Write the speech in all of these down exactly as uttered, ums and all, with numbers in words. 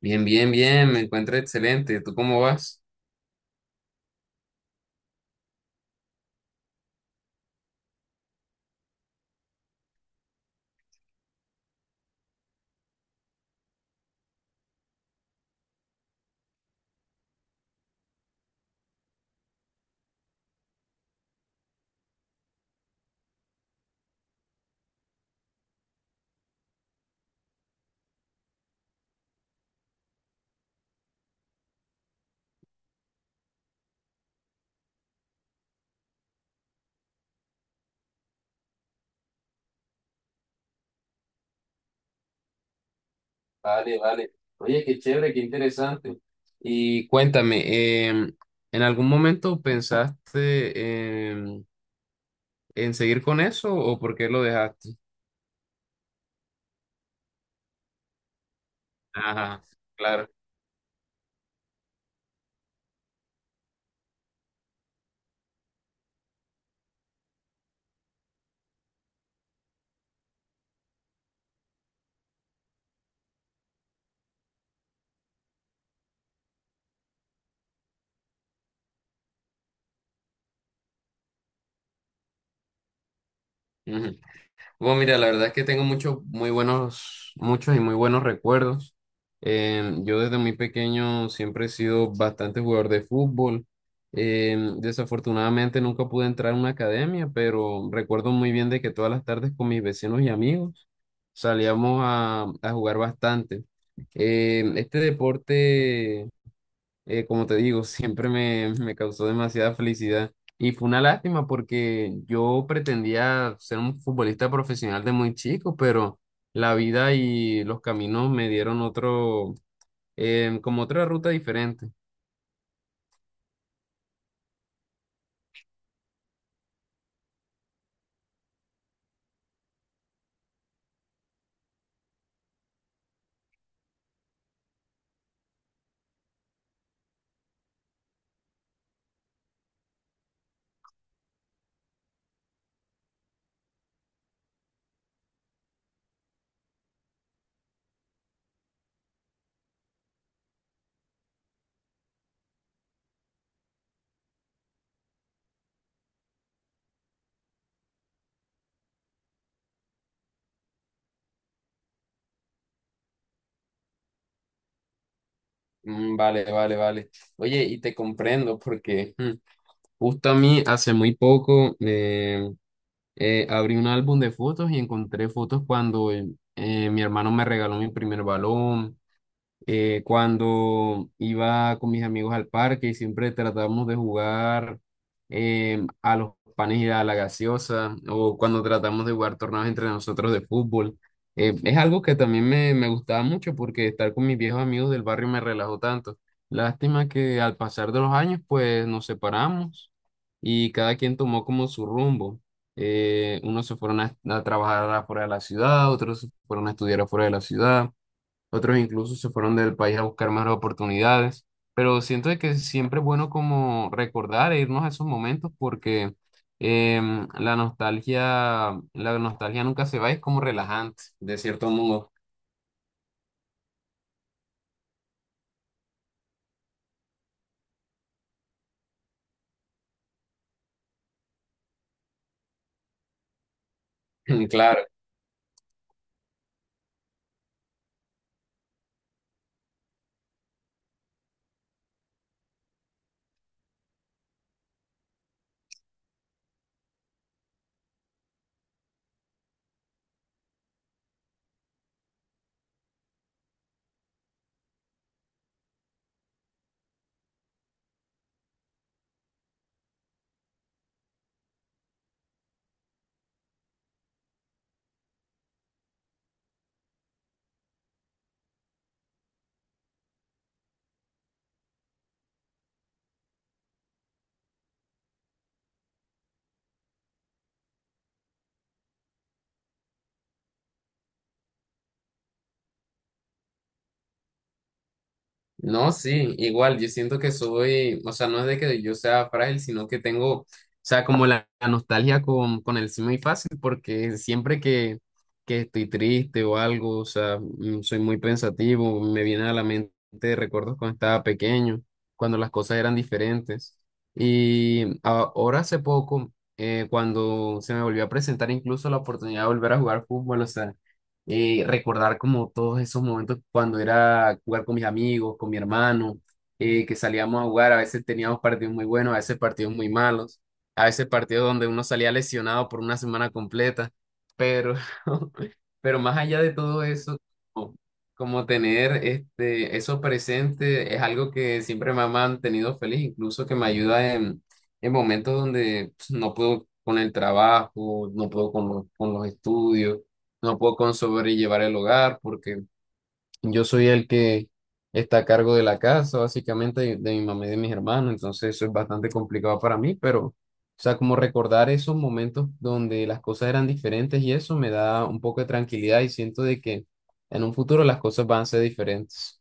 Bien, bien, bien, me encuentro excelente. ¿Tú cómo vas? Vale, vale. Oye, qué chévere, qué interesante. Y cuéntame, em, ¿en algún momento pensaste em, en, seguir con eso o por qué lo dejaste? Ajá, claro. Bueno, mira, la verdad es que tengo muchos, muy buenos, muchos y muy buenos recuerdos. Em, yo desde muy pequeño siempre he sido bastante jugador de fútbol. Em, desafortunadamente nunca pude entrar a una academia, pero recuerdo muy bien de que todas las tardes con mis vecinos y amigos salíamos a, a jugar bastante. Em, este deporte eh, como te digo, siempre me, me causó demasiada felicidad. Y fue una lástima porque yo pretendía ser un futbolista profesional de muy chico, pero la vida y los caminos me dieron otro, eh como otra ruta diferente. Mm. Vale, vale, vale. Oye, y te comprendo porque mm, justo a mí hace muy poco em, eh, abrí un álbum de fotos y encontré fotos cuando em, eh, mi hermano me regaló mi primer balón eh, cuando iba con mis amigos al parque y siempre tratábamos de jugar em, a los panes y a la gaseosa, o cuando tratamos de jugar torneos entre nosotros de fútbol. Eh, es algo que también me, me gustaba mucho porque estar con mis viejos amigos del barrio me relajó tanto. Lástima que al pasar de los años, pues nos separamos y cada quien tomó como su rumbo. Eh, unos se fueron a, a trabajar afuera de la ciudad, otros se fueron a estudiar afuera de la ciudad, otros incluso se fueron del país a buscar más oportunidades, pero siento de que siempre es bueno como recordar e irnos a esos momentos porque em, la nostalgia, la nostalgia nunca se va, es como relajante, de cierto modo. Claro. No, sí, igual, yo siento que soy, o sea, no es de que yo sea frágil, sino que tengo, o sea, como la, la nostalgia con, con el sí muy fácil, porque siempre que, que estoy triste o algo, o sea, mm, soy muy pensativo, me vienen a la mente recuerdos cuando estaba pequeño, cuando las cosas eran diferentes. Y a- ahora hace poco, eh, cuando se me volvió a presentar incluso la oportunidad de volver a jugar fútbol, o sea, eh, recordar como todos esos momentos cuando era jugar con mis amigos, con mi hermano, eh, que salíamos a jugar, a veces teníamos partidos muy buenos, a veces partidos muy malos, a veces partidos donde uno salía lesionado por una semana completa, pero pero más allá de todo eso, como, como tener este, eso presente es algo que siempre me ha mantenido feliz, incluso que me ayuda en, en momentos donde pues, no puedo con el trabajo, no puedo con los, con los estudios, no puedo con sobrellevar el hogar porque yo soy el que está a cargo de la casa, básicamente de, de mi mamá y de mis hermanos, entonces eso es bastante complicado para mí, pero, o sea, como recordar esos momentos donde las cosas eran diferentes y eso me da un poco de tranquilidad y siento de que en un futuro las cosas van a ser diferentes.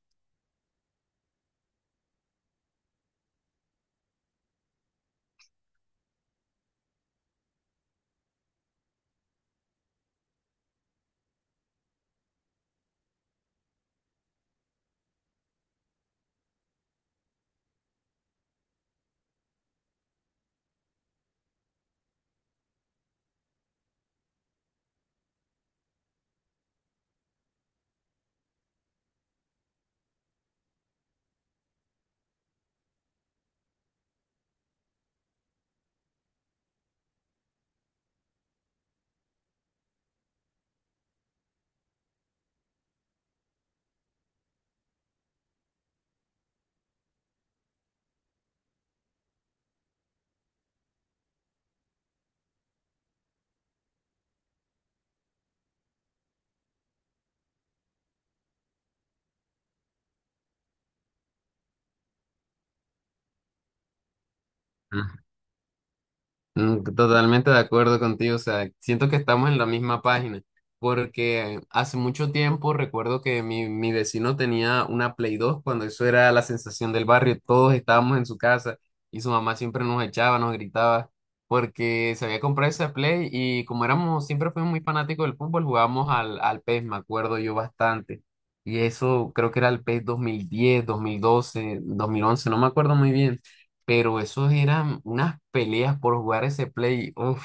Mm. Totalmente de acuerdo contigo, o sea, siento que estamos en la misma página, porque hace mucho tiempo recuerdo que mi, mi vecino tenía una Play dos cuando eso era la sensación del barrio, todos estábamos en su casa y su mamá siempre nos echaba, nos gritaba, porque se había comprado esa Play y como éramos, siempre fuimos muy fanáticos del fútbol, jugábamos al, al P E S, me acuerdo yo bastante, y eso creo que era el P E S dos mil diez, dos mil doce, dos mil once, no me acuerdo muy bien. Pero esos eran unas peleas por jugar ese play. Uf,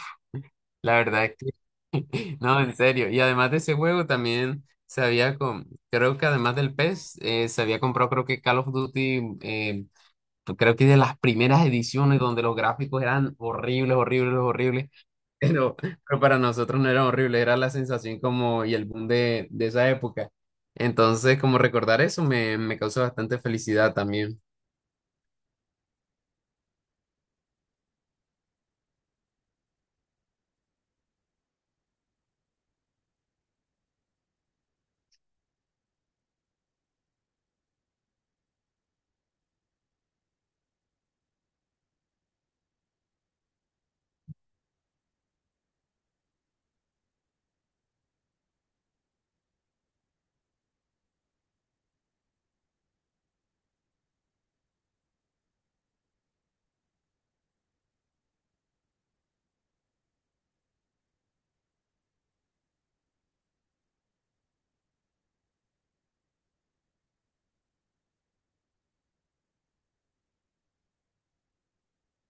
la verdad es que no, en serio. Y además de ese juego también se había, con, creo que además del P E S, eh, se había comprado creo que Call of Duty, eh, creo que de las primeras ediciones donde los gráficos eran horribles, horribles, horribles. Pero, pero para nosotros no era horrible, era la sensación como y el boom de, de esa época. Entonces, como recordar eso me, me causó bastante felicidad también.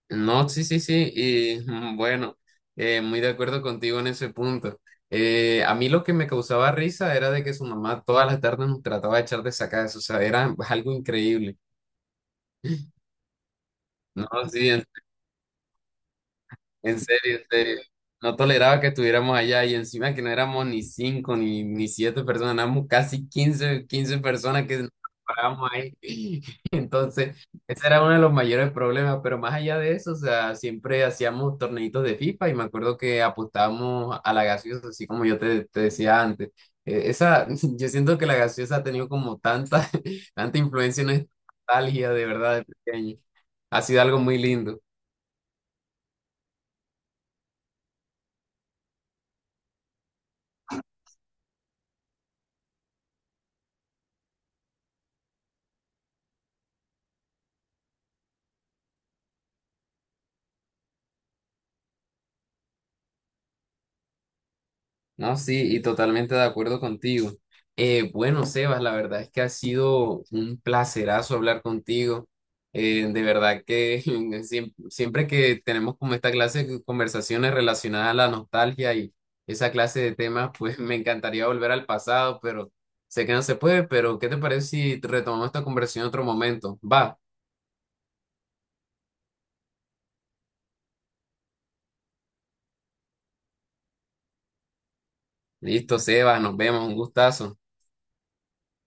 No, sí, sí, sí, y mm, bueno, eh, muy de acuerdo contigo en ese punto. Eh, a mí lo que me causaba risa era de que su mamá todas las tardes nos trataba de echar de sacadas, o sea, era algo increíble, ¿no? Sí, en... En serio, en serio. No toleraba que estuviéramos allá y encima que no éramos ni cinco ni, ni siete personas, éramos casi quince quince personas que nos parábamos ahí. Entonces, ese era uno de los mayores problemas, pero más allá de eso, o sea, siempre hacíamos torneitos de FIFA y me acuerdo que apostábamos a la gaseosa, así como yo te, te decía antes. Eh, esa, yo siento que la gaseosa ha tenido como tanta, tanta influencia en nuestra nostalgia de verdad de pequeño. Ha sido algo muy lindo. No, sí, y totalmente de acuerdo contigo. Eh, bueno, Sebas, la verdad es que ha sido un placerazo hablar contigo. Eh, de verdad que siem- siempre, que tenemos como esta clase de conversaciones relacionadas a la nostalgia y esa clase de temas, pues me encantaría volver al pasado, pero sé que no se puede, pero ¿qué te parece si retomamos esta conversación en otro momento? Va, listo, Sebas, nos vemos, un gustazo.